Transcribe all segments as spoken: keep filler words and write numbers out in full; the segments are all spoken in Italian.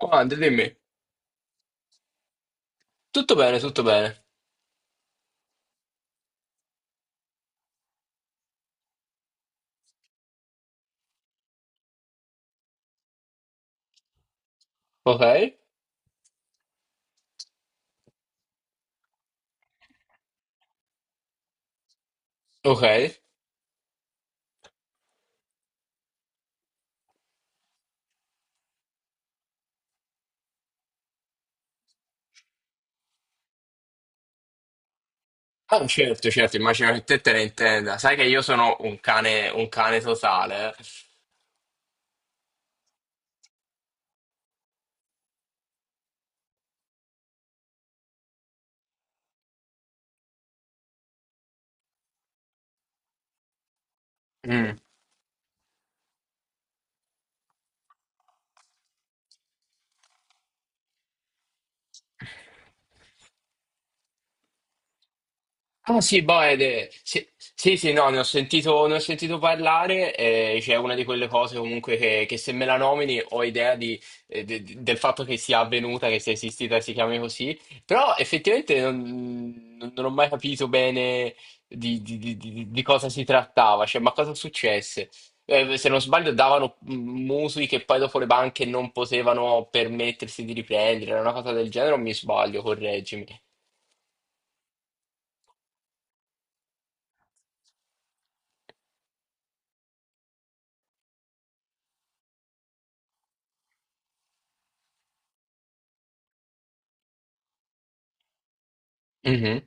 Oh, Andre, dimmi. Tutto bene, tutto bene. Ok? Ok? Ah, certo, certo, immagino che te te ne intenda. Sai che io sono un cane, un cane totale. Mm. Ah sì, Boede, sì, sì, sì, no, ne ho sentito, ne ho sentito parlare, eh, c'è una di quelle cose comunque che, che se me la nomini ho idea di- eh, de- de- del fatto che sia avvenuta, che sia esistita e si chiami così, però effettivamente non, non- non ho mai capito bene di, di- di- di- di cosa si trattava, cioè ma cosa successe? Eh, se non sbaglio davano mm, mutui che poi dopo le banche non potevano permettersi di riprendere, era una cosa del genere o mi sbaglio, correggimi. Mhm,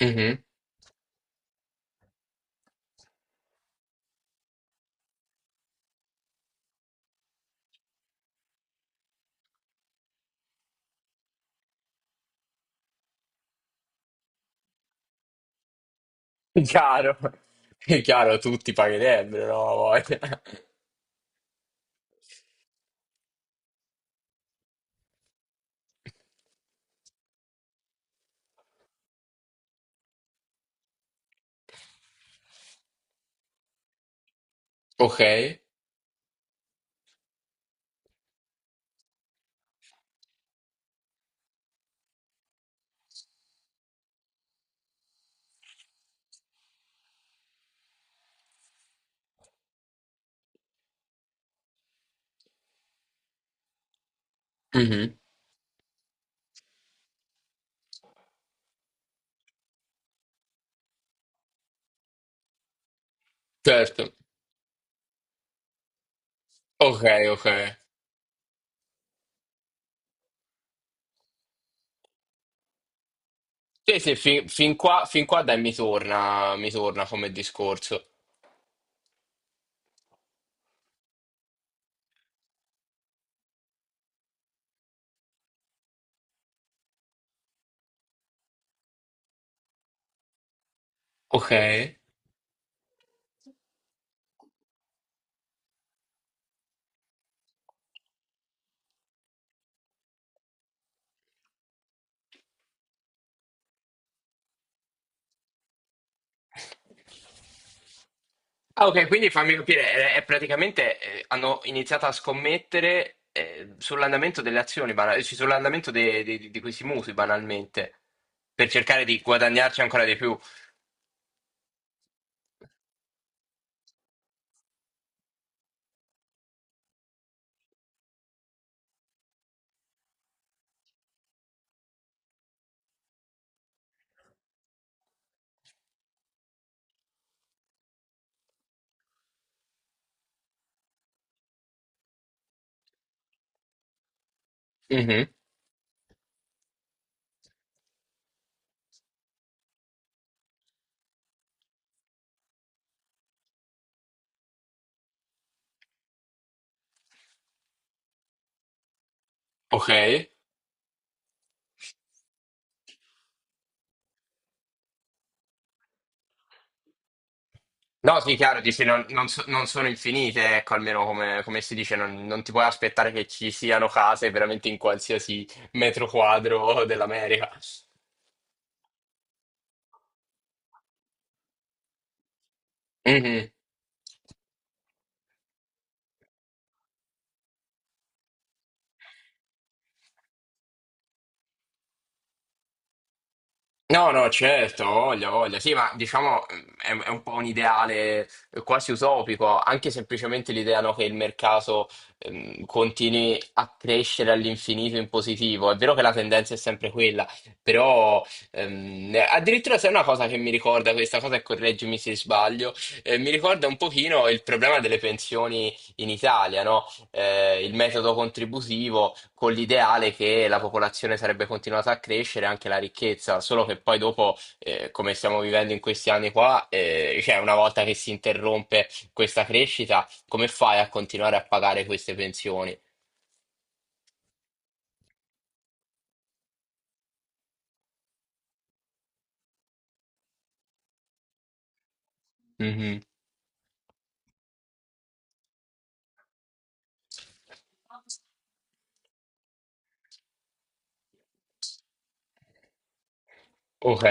mhm. È chiaro, è chiaro, tutti pagherebbero, no? Ha voglia. Ok, mhm, certo, ok, ok. Sì, sì, fin, fin qua, fin qua dai, mi torna, mi torna come discorso. Ok. Ah, ok, quindi fammi capire, è, è praticamente eh, hanno iniziato a scommettere eh, sull'andamento delle azioni, banal- cioè, sull'andamento de- de- di questi mutui, banalmente, per cercare di guadagnarci ancora di più. Mhm, ok. No, sì, chiaro, dici, non, non so- non sono infinite, ecco, almeno come, come si dice, non, non ti puoi aspettare che ci siano case veramente in qualsiasi metro quadro dell'America. Mhm. No, no, certo, voglia, voglia. Sì, ma diciamo mh, è, è un po' un ideale eh, quasi utopico, anche semplicemente l'idea, no, che il mercato ehm, continui a crescere all'infinito in positivo. È vero che la tendenza è sempre quella, però ehm, eh, addirittura se è una cosa che mi ricorda questa cosa, e correggimi se sbaglio, eh, mi ricorda un pochino il problema delle pensioni in Italia, no? Eh, il metodo contributivo con l'ideale che la popolazione sarebbe continuata a crescere, anche la ricchezza, solo che poi dopo, eh, come stiamo vivendo in questi anni qua, eh, cioè una volta che si interrompe questa crescita, come fai a continuare a pagare queste pensioni? Mhm. Ok.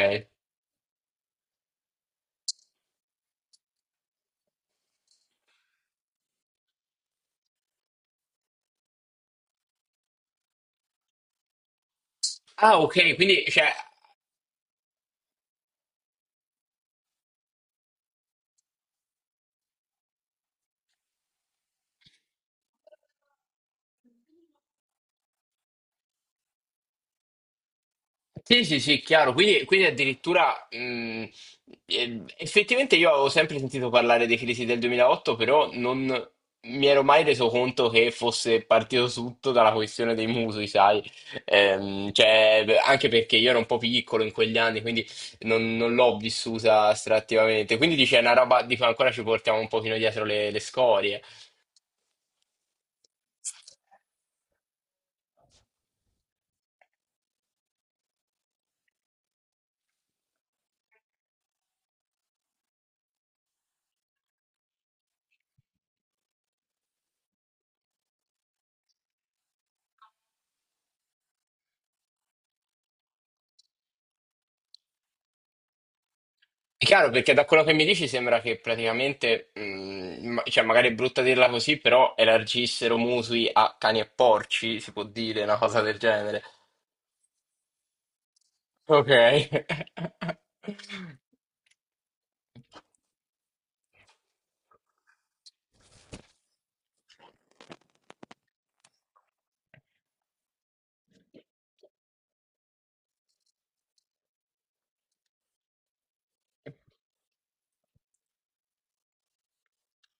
Ah, ok, quindi cioè, sì, sì, sì, chiaro. Quindi, quindi addirittura mh, eh, effettivamente io avevo sempre sentito parlare dei crisi del duemilaotto, però non mi ero mai reso conto che fosse partito tutto dalla questione dei mutui, sai? Ehm, cioè, anche perché io ero un po' piccolo in quegli anni, quindi non, non l'ho vissuta estrattivamente. Quindi dice, è una roba di cui ancora ci portiamo un pochino dietro le, le scorie. È chiaro, perché da quello che mi dici sembra che praticamente, mh, ma- cioè magari è brutta dirla così, però elargissero mutui a cani e porci, si può dire una cosa del genere. Ok.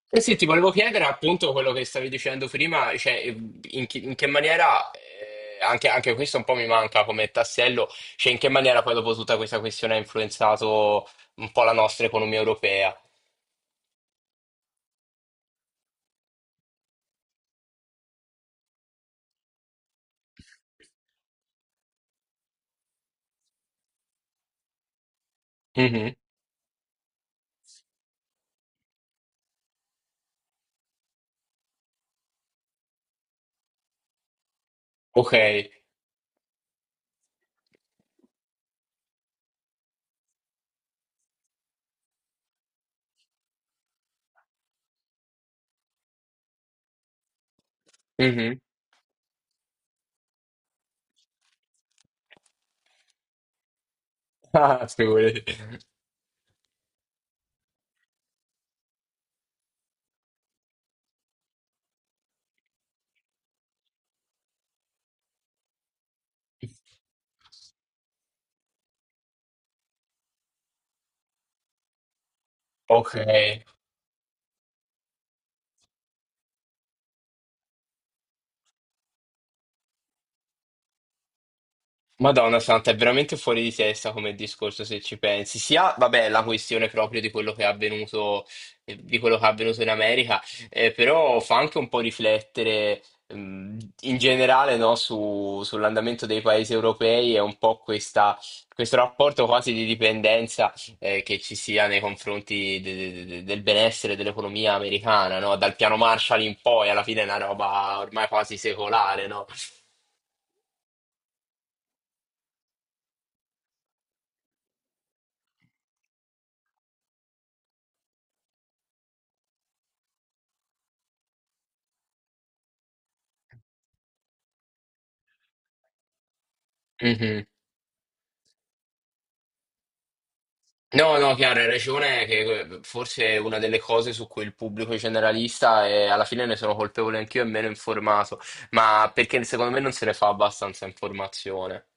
Eh sì, ti volevo chiedere appunto quello che stavi dicendo prima, cioè in, chi- in che maniera, eh, anche, anche questo un po' mi manca come tassello, cioè in che maniera poi dopo tutta questa questione ha influenzato un po' la nostra economia europea. Mhm, ok. Mhm. Ah, figurati. Ok. Madonna Santa, è veramente fuori di testa come discorso se ci pensi. Sia, vabbè, la questione proprio di quello che è avvenuto, eh, di quello che è avvenuto in America, eh, però fa anche un po' riflettere, mh, in generale, no, su- sull'andamento dei paesi europei e un po' questa- questo rapporto quasi di dipendenza, eh, che ci sia nei confronti de- de- de- del benessere dell'economia americana, no? Dal piano Marshall in poi, alla fine è una roba ormai quasi secolare, no? No, no, chiaro, hai ragione che eh, forse è una delle cose su cui il pubblico generalista e alla fine ne sono colpevole anch'io è meno informato, ma perché secondo me non se ne fa abbastanza informazione.